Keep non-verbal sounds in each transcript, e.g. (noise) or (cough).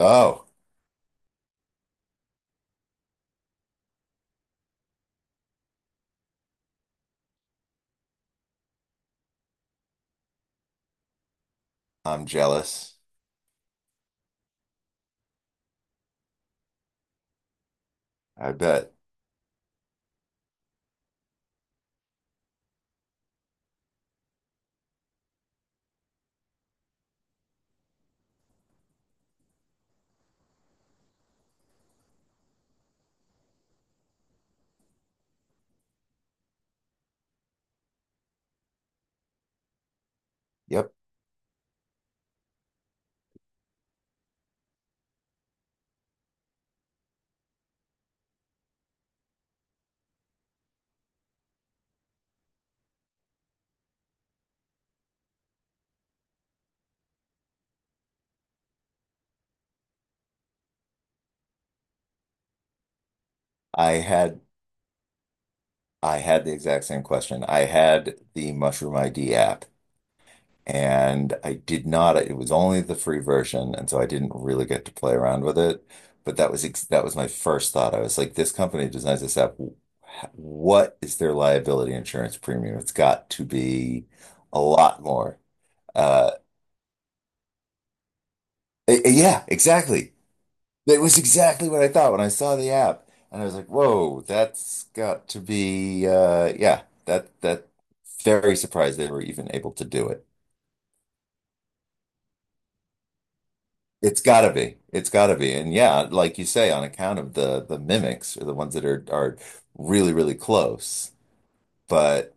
Oh, I'm jealous. I bet. Yep. I had I had the exact same question. I had the Mushroom ID app, and I did not— it was only the free version and so I didn't really get to play around with it, but that was ex that was my first thought. I was like, this company designs this app. What is their liability insurance premium? It's got to be a lot more. Uh yeah, exactly. That was exactly what I thought when I saw the app, and I was like, "Whoa, that's got to be yeah, that very surprised they were even able to do it. It's got to be, it's got to be, and yeah, like you say, on account of the mimics are the ones that are really, really close. But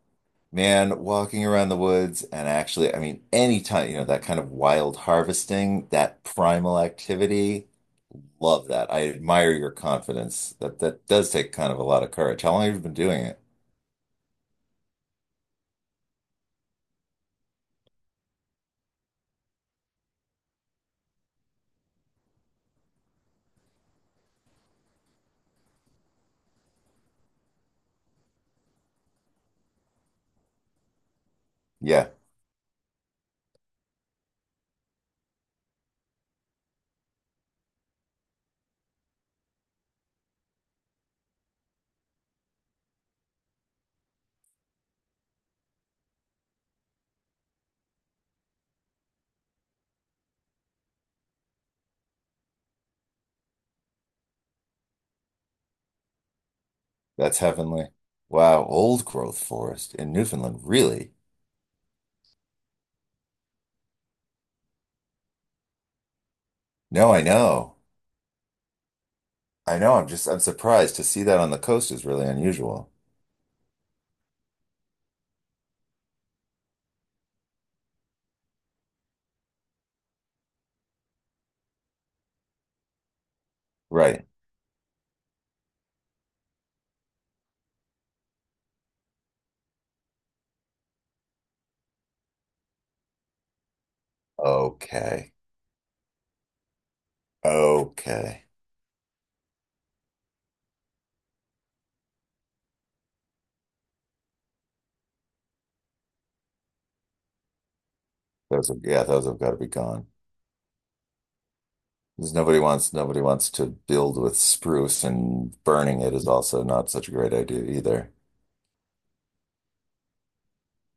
man, walking around the woods, and actually, I mean, anytime, you know, that kind of wild harvesting, that primal activity. Love that. I admire your confidence. That does take kind of a lot of courage. How long have you been doing it? Yeah, that's heavenly. Wow, old growth forest in Newfoundland. Really? No, I know. I know. I'm just I'm surprised to see that on the coast is really unusual. Right. Okay. Okay. Those have, yeah, those have got to be gone. Because nobody wants to build with spruce, and burning it is also not such a great idea either.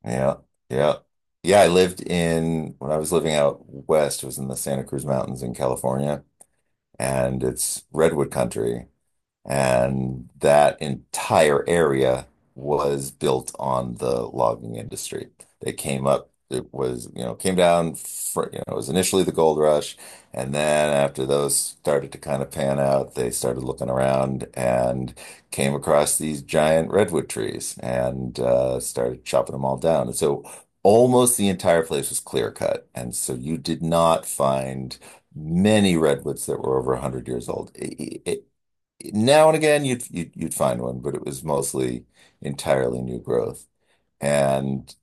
Yeah, yeah. Yeah, I lived in— when I was living out west, was in the Santa Cruz Mountains in California, and it's redwood country. And that entire area was built on the logging industry. They came up, it was, you know, came down for, you know, it was initially the gold rush. And then after those started to kind of pan out, they started looking around and came across these giant redwood trees and started chopping them all down. And so almost the entire place was clear cut. And so you did not find many redwoods that were over 100 years old. Now and again you'd find one, but it was mostly entirely new growth. And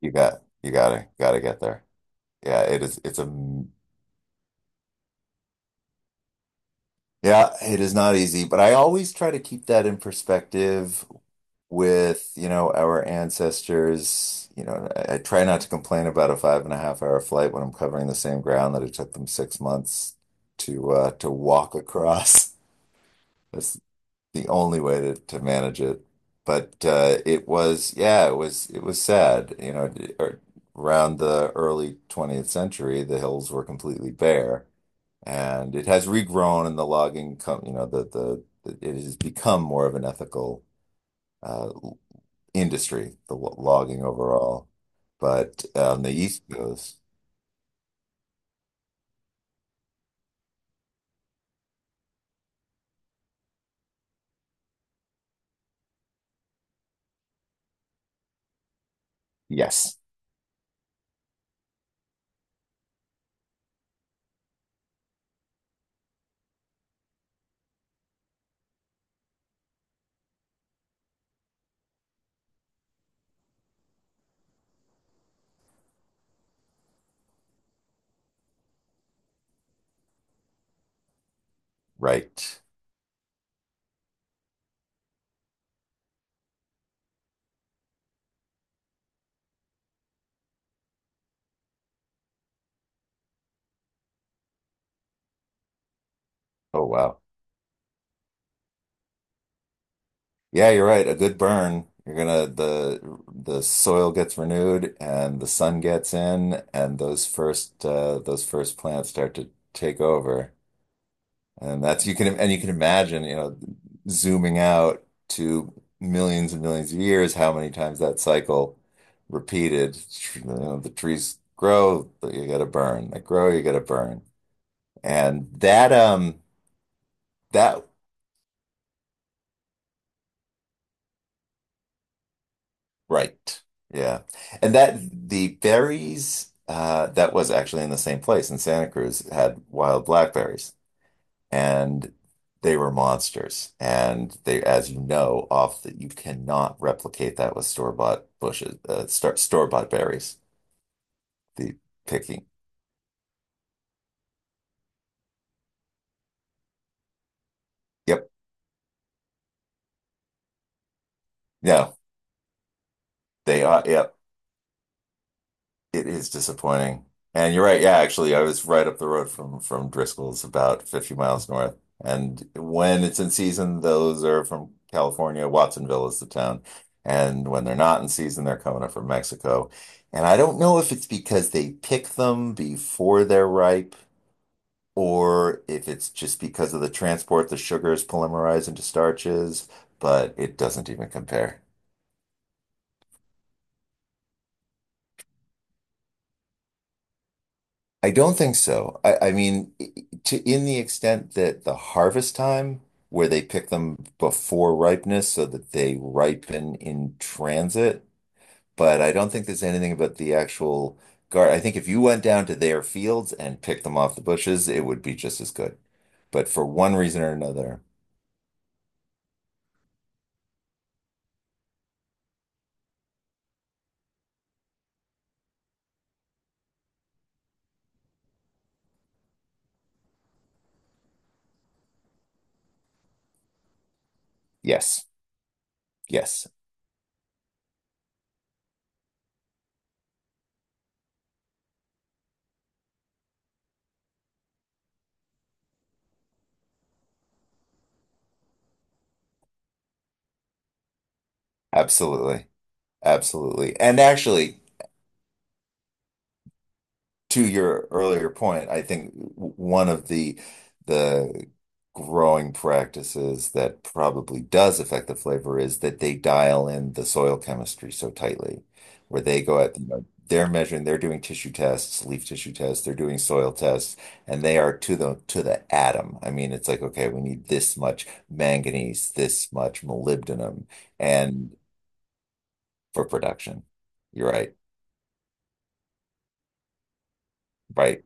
you got— you gotta gotta get there. Yeah, it is. It's a— yeah, it is not easy, but I always try to keep that in perspective with, you know, our ancestors. You know, I try not to complain about a five and a half hour flight when I'm covering the same ground that it took them 6 months to walk across. (laughs) That's the only way to manage it. But it was, yeah, it was sad. You know, ar- around the early 20th century, the hills were completely bare, and it has regrown. And the logging com you know, it has become more of an ethical uh, industry, the logging overall. But on the East Coast, yes, right. Oh, wow. Yeah, you're right. A good burn. You're gonna— the soil gets renewed and the sun gets in, and those first plants start to take over. And that's— you can— and you can imagine, you know, zooming out to millions and millions of years, how many times that cycle repeated. You know, the trees grow, but you gotta burn. They grow, you gotta burn. And that that Right. Yeah. And that the berries that was actually in the same place in Santa Cruz had wild blackberries, and they were monsters. And they, as you know, off that— you cannot replicate that with store-bought bushes, store-bought berries. The picking. Yep. No, they are. Yep. It is disappointing. And you're right. Yeah, actually, I was right up the road from Driscoll's, about 50 miles north. And when it's in season, those are from California. Watsonville is the town. And when they're not in season, they're coming up from Mexico. And I don't know if it's because they pick them before they're ripe, or if it's just because of the transport, the sugars polymerize into starches, but it doesn't even compare. I don't think so. I mean, to— in the extent that the harvest time, where they pick them before ripeness so that they ripen in transit, but I don't think there's anything about the actual guard. I think if you went down to their fields and picked them off the bushes, it would be just as good. But for one reason or another, yes, yes, absolutely, absolutely. And actually, to your earlier point, I think one of the growing practices that probably does affect the flavor is that they dial in the soil chemistry so tightly, where they go at, you know, they're measuring, they're doing tissue tests, leaf tissue tests, they're doing soil tests, and they are to the— to the atom. I mean, it's like, okay, we need this much manganese, this much molybdenum, and for production. You're right. Right.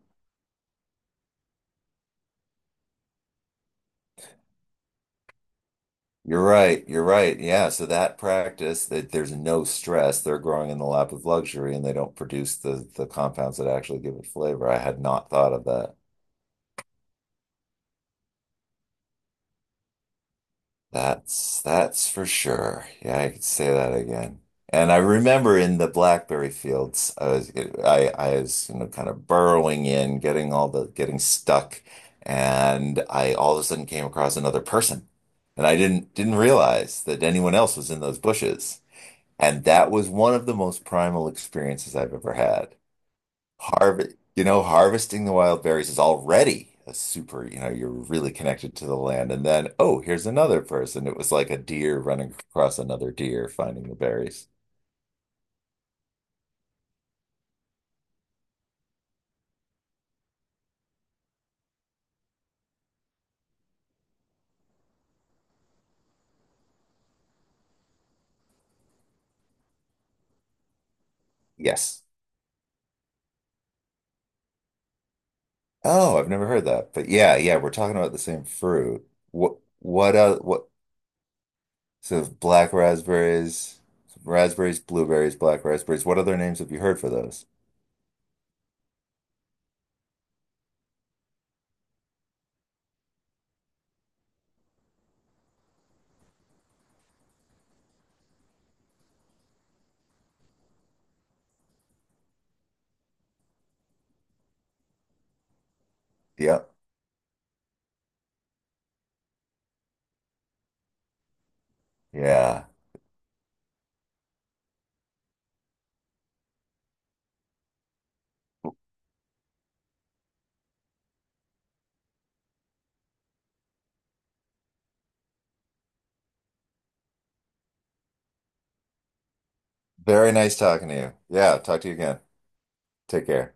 You're right. You're right. Yeah. So that practice, that there's no stress, they're growing in the lap of luxury, and they don't produce the compounds that actually give it flavor. I had not thought of that. That's for sure. Yeah, I could say that again. And I remember in the blackberry fields, I was— I was, you know, kind of burrowing in, getting all the— getting stuck, and I all of a sudden came across another person. And I didn't realize that anyone else was in those bushes. And that was one of the most primal experiences I've ever had. Harvest, you know, harvesting the wild berries is already a super, you know, you're really connected to the land. And then, oh, here's another person. It was like a deer running across another deer finding the berries. Yes. Oh, I've never heard that. But yeah, yeah, we're talking about the same fruit. So black raspberries, raspberries, blueberries, black raspberries. What other names have you heard for those? Yep. Yeah. Very nice talking to you. Yeah, talk to you again. Take care.